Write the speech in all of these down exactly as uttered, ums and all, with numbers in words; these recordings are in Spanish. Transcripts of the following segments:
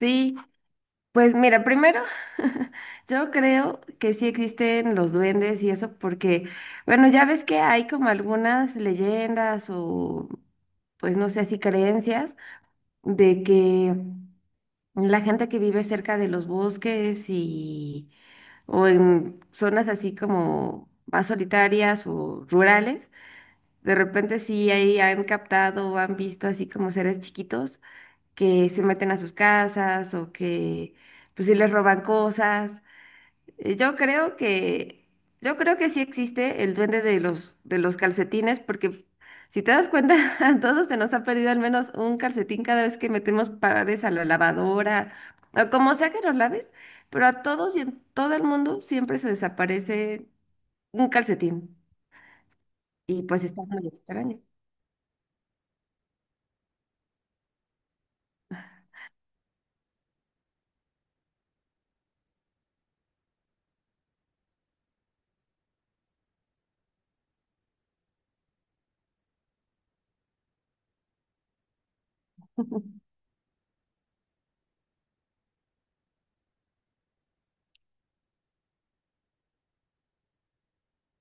Sí, pues mira, primero, yo creo que sí existen los duendes y eso, porque, bueno, ya ves que hay como algunas leyendas o, pues no sé, así creencias de que la gente que vive cerca de los bosques y, o en zonas así como más solitarias o rurales, de repente sí ahí han captado o han visto así como seres chiquitos que se meten a sus casas o que pues sí les roban cosas. Eh, Yo creo que yo creo que sí existe el duende de los de los calcetines porque si te das cuenta a todos se nos ha perdido al menos un calcetín cada vez que metemos pares a la lavadora o como sea que los laves, pero a todos y en todo el mundo siempre se desaparece un calcetín y pues está muy extraño.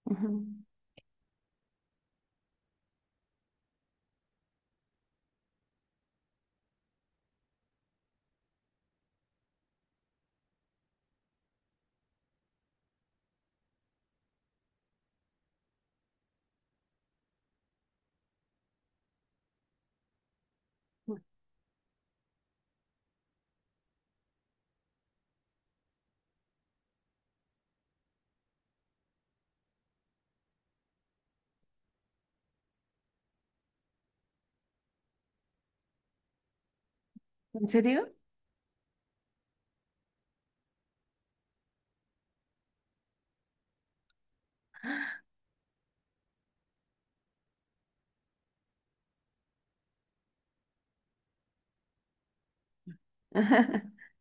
Ujú. ¿En serio?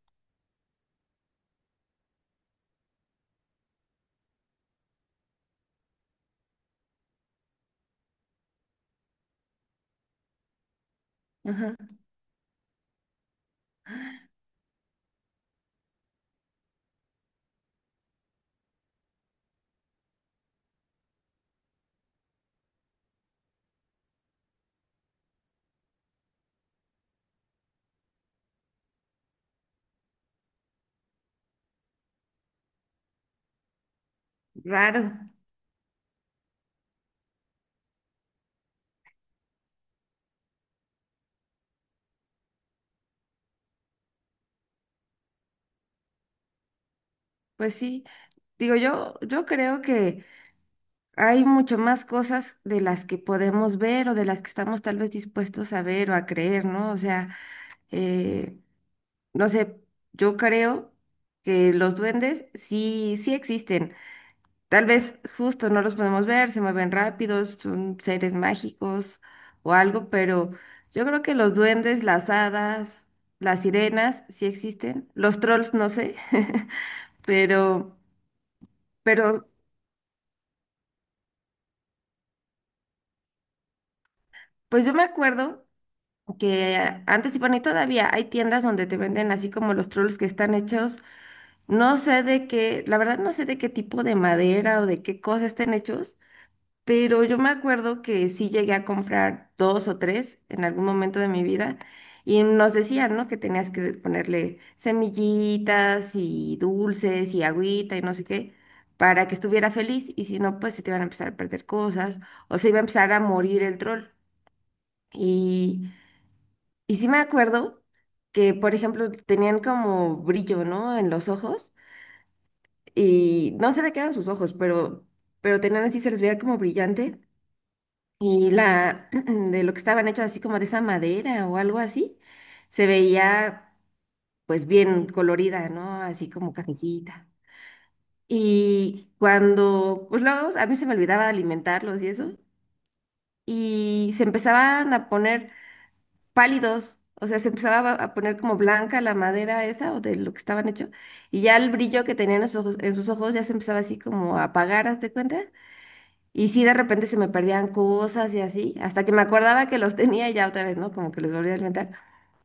Ajá. Raro. Pues sí. Digo, yo, yo creo que hay mucho más cosas de las que podemos ver o de las que estamos tal vez dispuestos a ver o a creer, ¿no? O sea, eh, no sé, yo creo que los duendes sí, sí existen. Tal vez justo no los podemos ver, se mueven rápidos, son seres mágicos o algo, pero yo creo que los duendes, las hadas, las sirenas sí existen. Los trolls, no sé. pero, pero... Pues yo me acuerdo que antes y bueno, y todavía hay tiendas donde te venden así como los trolls que están hechos, no sé de qué, la verdad no sé de qué tipo de madera o de qué cosa estén hechos, pero yo me acuerdo que sí llegué a comprar dos o tres en algún momento de mi vida y nos decían, ¿no? Que tenías que ponerle semillitas y dulces y agüita y no sé qué, para que estuviera feliz y si no, pues se te iban a empezar a perder cosas o se iba a empezar a morir el troll. Y, y sí me acuerdo que, por ejemplo, tenían como brillo, ¿no? En los ojos. Y no sé de qué eran sus ojos, pero, pero tenían así, se les veía como brillante. Y la, de lo que estaban hechos así como de esa madera o algo así, se veía pues bien colorida, ¿no? Así como cafecita. Y cuando, pues luego a mí se me olvidaba alimentarlos y eso. Y se empezaban a poner pálidos, o sea, se empezaba a poner como blanca la madera esa o de lo que estaban hecho, y ya el brillo que tenían en sus ojos, en sus ojos ya se empezaba así como a apagar, ¿haz de cuenta? Y sí, de repente se me perdían cosas y así, hasta que me acordaba que los tenía y ya otra vez, ¿no? Como que los volví a alimentar.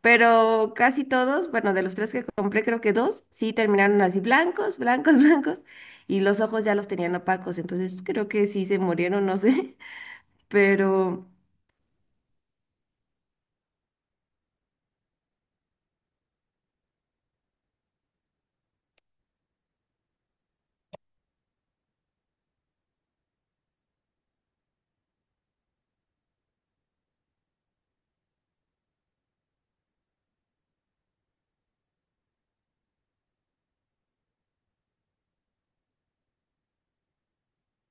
Pero casi todos, bueno, de los tres que compré, creo que dos, sí terminaron así blancos, blancos, blancos, y los ojos ya los tenían opacos, entonces creo que sí se murieron, no sé, pero...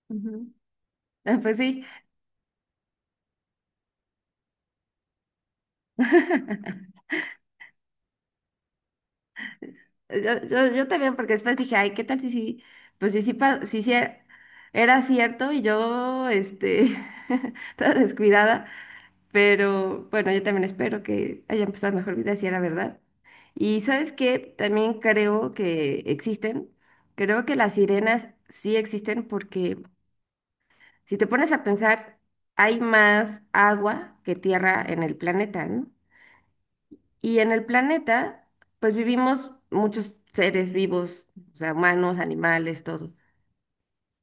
Ujú. Ah, pues sí. Eh, Yo, yo, yo también, porque después dije, ay, ¿qué tal si sí? Pues si sí, pa- si sí era era cierto y yo, este, toda descuidada, pero bueno, yo también espero que haya empezado mejor vida si era verdad. Y ¿sabes qué? También creo que existen, creo que las sirenas sí existen porque si te pones a pensar, hay más agua que tierra en el planeta, ¿no? Y en el planeta, pues vivimos muchos seres vivos, o sea, humanos, animales, todo.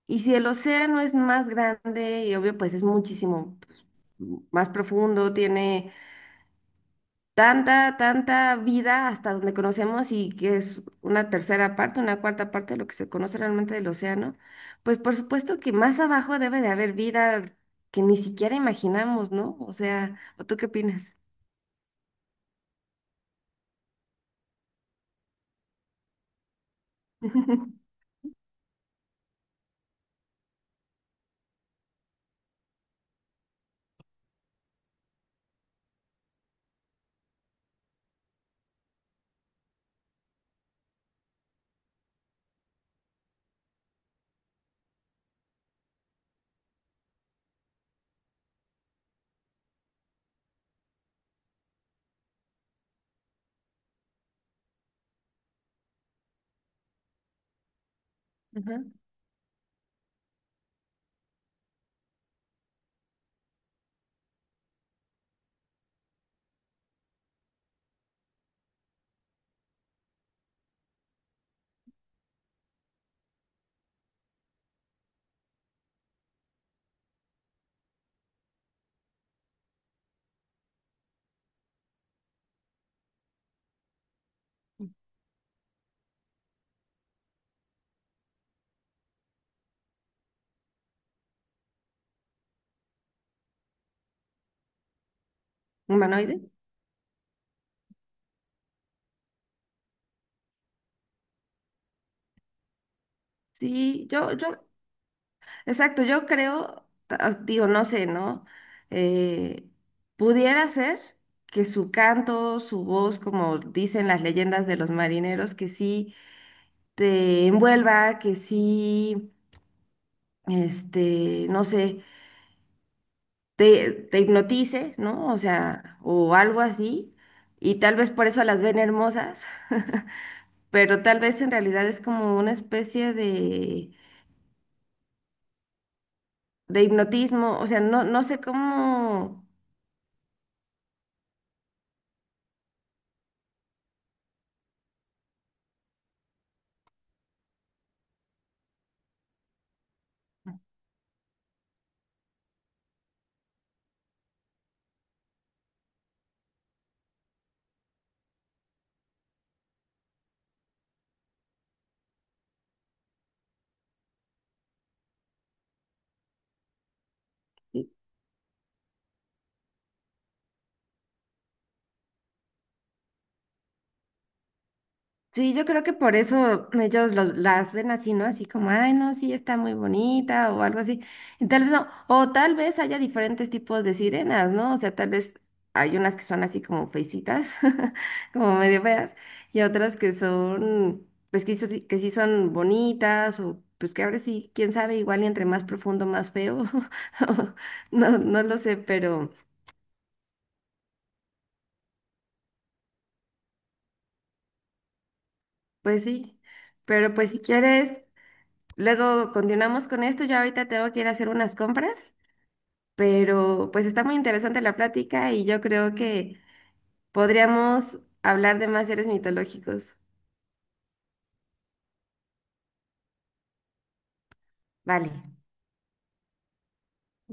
Y si el océano es más grande y obvio, pues es muchísimo más profundo, tiene tanta, tanta vida hasta donde conocemos y que es una tercera parte, una cuarta parte de lo que se conoce realmente del océano, pues por supuesto que más abajo debe de haber vida que ni siquiera imaginamos, ¿no? O sea, ¿o tú qué opinas? Ajá. ¿Humanoide? Sí, yo, yo, exacto, yo creo, ta- ah, digo, no sé, ¿no? Eh, pudiera ser que su canto, su voz, como dicen las leyendas de los marineros, que sí te envuelva, que sí, este, no sé, te, te hipnotice, ¿no? O sea, o algo así, y tal vez por eso las ven hermosas, pero tal vez en realidad es como una especie de, de, hipnotismo, o sea, no, no sé cómo... Sí, yo creo que por eso ellos los, las ven así, ¿no? Así como, ay, no, sí, está muy bonita o algo así. Y tal vez no, o tal vez haya diferentes tipos de sirenas, ¿no? O sea, tal vez hay unas que son así como feicitas, como medio feas, y otras que son, pues que, sí- sí, que sí son bonitas o pues que ahora sí, quién sabe, igual y entre más profundo, más feo. No, no lo sé, pero pues sí. Pero pues si quieres... Luego continuamos con esto. Yo ahorita tengo que ir a hacer unas compras, pero pues está muy interesante la plática y yo creo que podríamos hablar de más seres mitológicos. Vale.